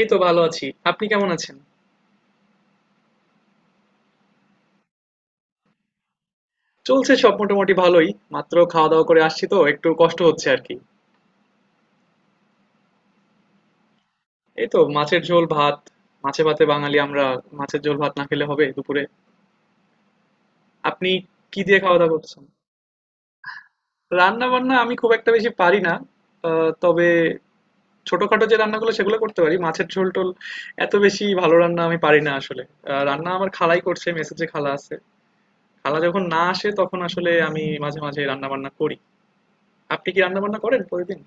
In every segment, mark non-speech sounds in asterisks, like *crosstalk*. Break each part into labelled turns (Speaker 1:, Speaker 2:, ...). Speaker 1: এই তো ভালো আছি। আপনি কেমন আছেন? চলছে সব মোটামুটি ভালোই। মাত্র খাওয়া-দাওয়া করে আসছি তো একটু কষ্ট হচ্ছে আরকি। এই তো মাছের ঝোল ভাত। মাছে ভাতে বাঙালি আমরা। মাছের ঝোল ভাত না খেলে হবে দুপুরে? আপনি কি দিয়ে খাওয়া-দাওয়া করছেন? রান্না-বান্না আমি খুব একটা বেশি পারি না। তবে ছোটখাটো যে রান্নাগুলো সেগুলো করতে পারি। মাছের ঝোল-টোল এত বেশি ভালো রান্না আমি পারি না আসলে। রান্না আমার খালাই করছে, মেসে যে খালা আছে। খালা যখন না আসে তখন আসলে আমি মাঝে, মাঝে রান্না-বান্না করি। আপনি কি রান্না-বান্না করেন প্রতিদিন?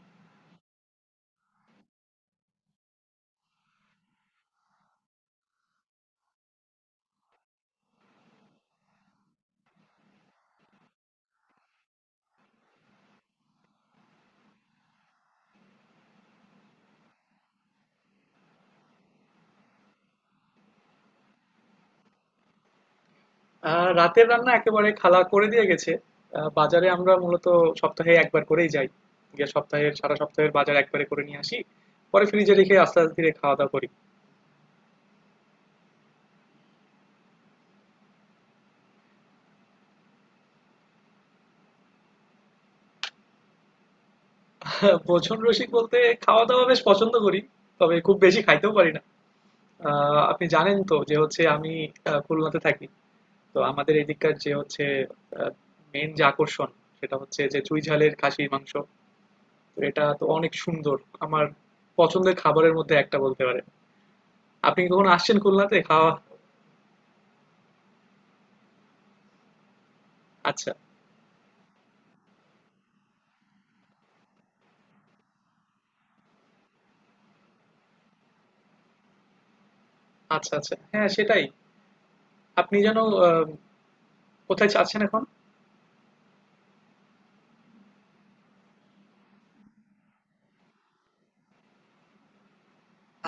Speaker 1: রাতের রান্না একেবারে খালা করে দিয়ে গেছে। বাজারে আমরা মূলত সপ্তাহে একবার করেই যাই, গিয়ে সপ্তাহের সারা সপ্তাহের বাজার একবারে করে নিয়ে আসি, পরে ফ্রিজে রেখে আস্তে আস্তে ধীরে খাওয়া দাওয়া করি। ভোজন রসিক বলতে খাওয়া দাওয়া বেশ পছন্দ করি, তবে খুব বেশি খাইতেও পারি না। আপনি জানেন তো যে হচ্ছে আমি খুলনাতে থাকি। তো আমাদের এদিককার যে হচ্ছে মেন যে আকর্ষণ, সেটা হচ্ছে যে চুই ঝালের খাসির মাংস। তো এটা তো অনেক সুন্দর আমার পছন্দের খাবারের মধ্যে একটা বলতে পারে। আপনি কি কখনো আসছেন খুলনাতে খাওয়া? আচ্ছা, আচ্ছা, আচ্ছা। হ্যাঁ, সেটাই। আপনি যেন আ কোথায় যাচ্ছেন এখন?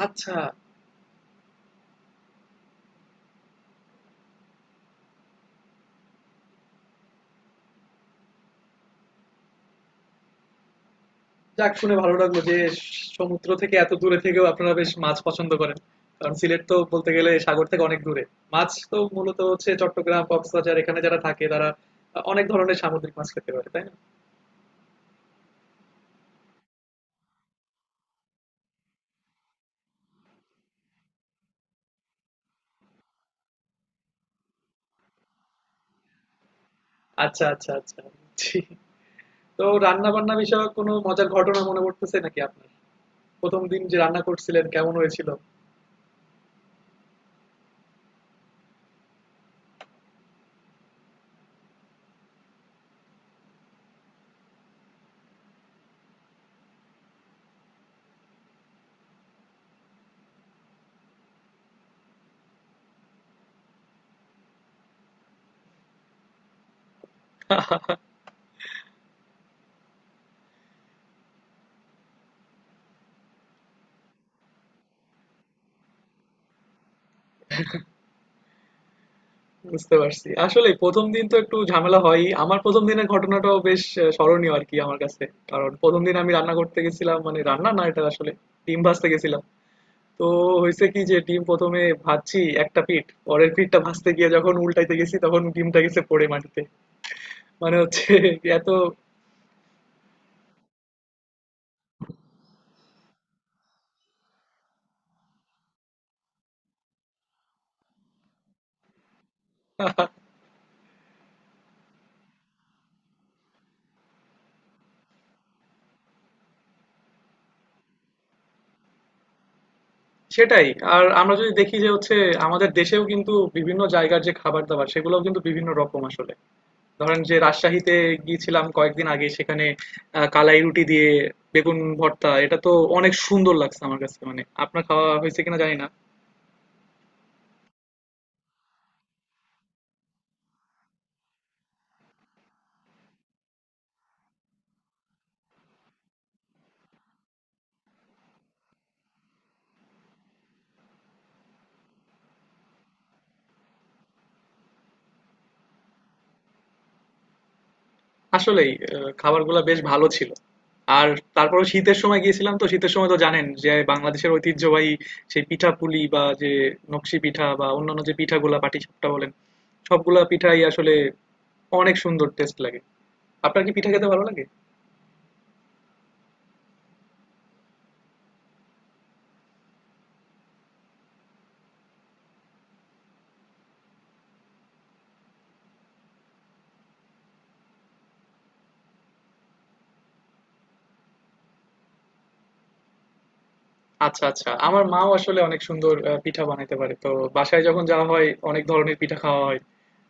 Speaker 1: আচ্ছা। যাক, শুনে ভালো লাগলো যে সমুদ্র থেকে এত দূরে থেকেও আপনারা বেশ মাছ পছন্দ করেন। কারণ সিলেট তো বলতে গেলে সাগর থেকে অনেক দূরে। মাছ তো মূলত হচ্ছে চট্টগ্রাম, কক্সবাজার এখানে যারা থাকে তারা অনেক ধরনের সামুদ্রিক মাছ খেতে পারে, তাই না? আচ্ছা, আচ্ছা, আচ্ছা। জি। তো রান্না-বান্না বিষয়ক কোনো মজার ঘটনা মনে পড়তেছে নাকি আপনার? ১ম দিন যে রান্না করছিলেন কেমন হয়েছিল? বুঝতে পারছি। আসলেই ১ম দিন তো একটু ঝামেলা হয়ই। আমার ১ম দিনের ঘটনাটাও বেশ স্মরণীয় আরকি আমার কাছে। কারণ ১ম দিন আমি রান্না করতে গেছিলাম, মানে রান্না না, এটা আসলে ডিম ভাজতে গেছিলাম। তো হইছে কি, যে ডিম ১ম এ ভাজছি একটা পিঠ, পরের পিঠটা ভাজতে গিয়ে যখন উল্টাইতে গেছি তখন ডিমটা গেছে পড়ে মাটিতে। মানে হচ্ছে *laughs* এত সেটাই। আর আমরা যদি দেখি যে হচ্ছে আমাদের দেশেও কিন্তু বিভিন্ন জায়গার যে খাবার-দাবার সেগুলোও কিন্তু বিভিন্ন রকম আসলে। ধরেন যে রাজশাহীতে গিয়েছিলাম কয়েকদিন আগে, সেখানে কালাই রুটি দিয়ে বেগুন ভর্তা, এটা তো অনেক সুন্দর লাগছে আমার কাছে। মানে আপনার খাওয়া হয়েছে কিনা জানি না। আসলেই খাবারগুলো বেশ ভালো ছিল। আর তারপরে শীতের সময় গিয়েছিলাম, তো শীতের সময় তো জানেন যে বাংলাদেশের ঐতিহ্যবাহী সেই পিঠা পুলি, বা যে নকশি পিঠা, বা অন্যান্য যে পিঠাগুলা পাটিসাপটা বলেন, সবগুলা পিঠাই আসলে অনেক সুন্দর টেস্ট লাগে। আপনার কি পিঠা খেতে ভালো লাগে? আচ্ছা, আচ্ছা। আমার মাও আসলে অনেক সুন্দর পিঠা বানাইতে পারে। তো বাসায় যখন যাওয়া হয় অনেক ধরনের পিঠা খাওয়া হয়।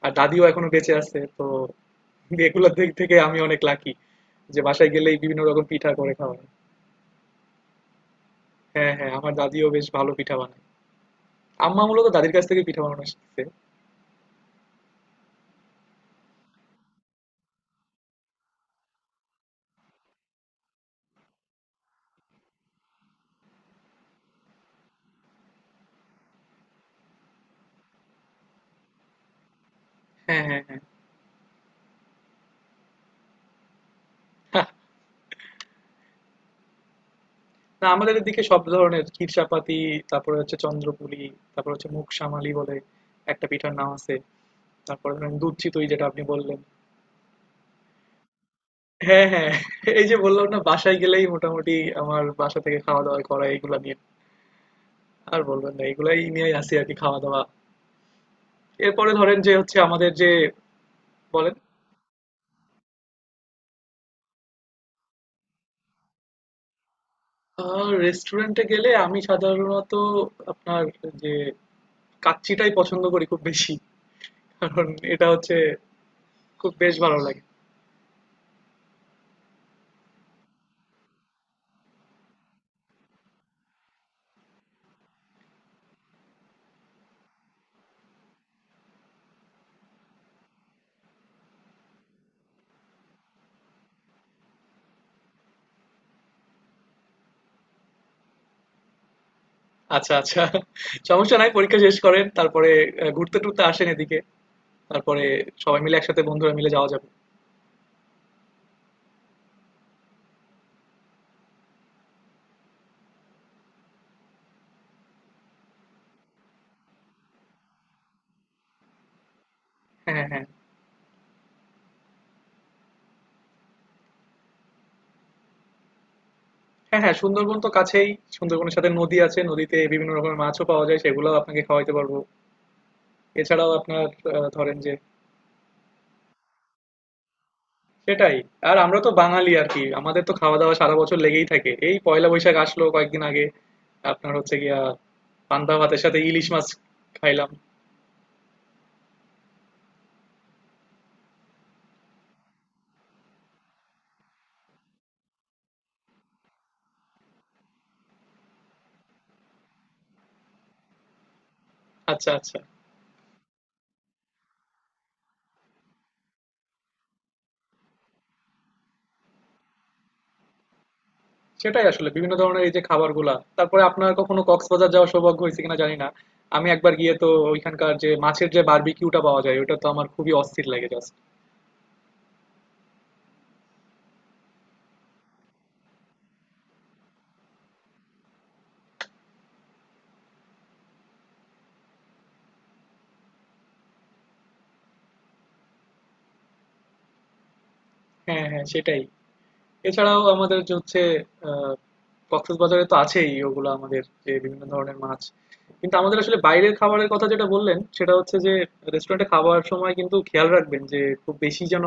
Speaker 1: আর দাদিও এখনো বেঁচে আছে। তো এগুলোর দিক থেকে আমি অনেক লাকি যে বাসায় গেলেই বিভিন্ন রকম পিঠা করে খাওয়া হয়। হ্যাঁ, হ্যাঁ, আমার দাদিও বেশ ভালো পিঠা বানায়। আম্মা মূলত দাদির কাছ থেকে পিঠা বানানো শিখছে। হ্যাঁ, হ্যাঁ, হ্যাঁ। হা, না আমাদের এদিকে সব ধরনের ক্ষীরসাপাতি, তারপরে হচ্ছে চন্দ্রপুলি, তারপরে হচ্ছে মুগশামালি বলে একটা পিঠার নাম আছে। তারপরে ধরেন দুধ চিতই, যেটা আপনি বললেন। হ্যাঁ, হ্যাঁ। এই যে বললাম না বাসায় গেলেই মোটামুটি আমার বাসা থেকে খাওয়া দাওয়া করা এগুলা নিয়ে। আর বলবেন না, এগুলাই নিয়েই আছি আরকি, খাওয়া দাওয়া। এরপরে ধরেন যে হচ্ছে আমাদের যে বলেন রেস্টুরেন্টে গেলে আমি সাধারণত আপনার যে কাচ্চিটাই পছন্দ করি খুব বেশি। কারণ এটা হচ্ছে খুব বেশ ভালো লাগে। আচ্ছা, আচ্ছা। সমস্যা নাই, পরীক্ষা শেষ করেন। তারপরে ঘুরতে-টুরতে আসেন এদিকে। তারপরে সবাই মিলে একসাথে বন্ধুরা মিলে যাওয়া যাবে। হ্যাঁ, হ্যাঁ। হ্যাঁ। হ্যাঁ, হ্যাঁ, সুন্দরবন তো কাছেই। সুন্দরবনের সাথে নদী আছে। নদীতে বিভিন্ন রকমের মাছও পাওয়া যায়। সেগুলাও আপনাকে খাওয়াইতে পারবো। এছাড়াও আপনার ধরেন যে সেটাই। আর আমরা তো বাঙালি আর কি। আমাদের তো খাওয়া দাওয়া সারা বছর লেগেই থাকে। এই পয়লা বৈশাখ আসলো কয়েকদিন আগে। আপনার হচ্ছে গিয়া পান্তা ভাতের সাথে ইলিশ মাছ খাইলাম। আচ্ছা, আচ্ছা। সেটাই, আসলে বিভিন্ন ধরনের এই যে খাবারগুলা। তারপরে আপনার কখনো কক্সবাজার যাওয়ার সৌভাগ্য হয়েছে কিনা জানি না। আমি একবার গিয়ে তো ওইখানকার যে মাছের যে বারবিকিউটা পাওয়া যায় ওটা তো আমার খুবই অস্থির লাগে জাস্ট। হ্যাঁ, হ্যাঁ, সেটাই। এছাড়াও আমাদের যে হচ্ছে আহ, কক্সবাজারে তো আছেই ওগুলো আমাদের যে বিভিন্ন ধরনের মাছ। কিন্তু আমাদের আসলে বাইরের খাবারের কথা যেটা বললেন সেটা হচ্ছে যে রেস্টুরেন্টে খাওয়ার সময় কিন্তু খেয়াল রাখবেন যে খুব বেশি যেন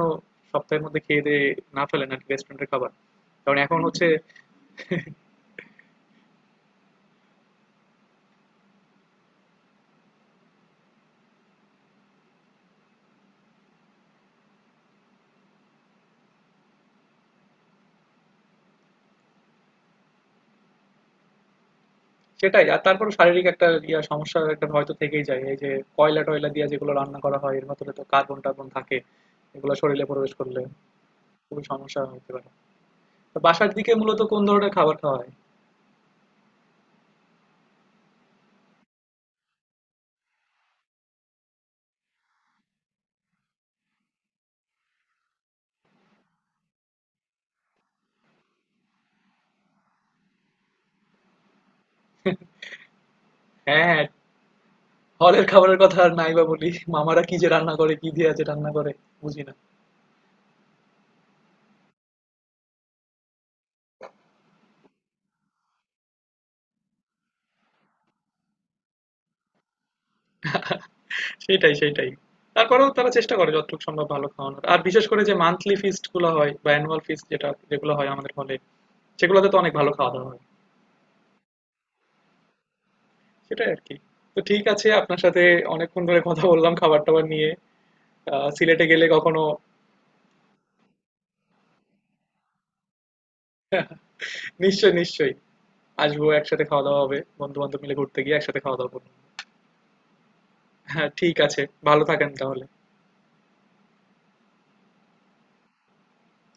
Speaker 1: সপ্তাহের মধ্যে খেয়ে দিয়ে না ফেলেন আর কি রেস্টুরেন্টের খাবার, কারণ এখন হচ্ছে সেটাই। আর তারপর শারীরিক একটা ইয়া সমস্যা, একটা ভয় তো থেকেই যায় এই যে কয়লা টয়লা দিয়ে যেগুলো রান্না করা হয় এর ভেতরে তো কার্বন টার্বন থাকে, এগুলো শরীরে প্রবেশ করলে খুবই সমস্যা হতে পারে। তো বাসার দিকে মূলত কোন ধরনের খাবার খাওয়া হয়? হ্যাঁ, হ্যাঁ। হলের খাবারের কথা আর নাই বা বলি। মামারা কি যে রান্না করে, কি দিয়ে যে রান্না করে, বুঝি না। সেটাই, সেটাই। তারপরেও তারা চেষ্টা করে যতটুকু সম্ভব ভালো খাওয়ানোর। আর বিশেষ করে যে মান্থলি ফিস্ট গুলো হয় বা অ্যানুয়াল ফিস্ট যেটা যেগুলো হয় আমাদের হলে, সেগুলোতে তো অনেক ভালো খাওয়া দাওয়া হয়। সেটাই আর কি। তো ঠিক আছে, আপনার সাথে অনেকক্ষণ ধরে কথা বললাম খাবার টাবার নিয়ে। সিলেটে গেলে কখনো নিশ্চয়ই, নিশ্চয়ই আসবো, একসাথে খাওয়া দাওয়া হবে, বন্ধু বান্ধব মিলে ঘুরতে গিয়ে একসাথে খাওয়া দাওয়া করবো। হ্যাঁ ঠিক আছে, ভালো থাকেন তাহলে।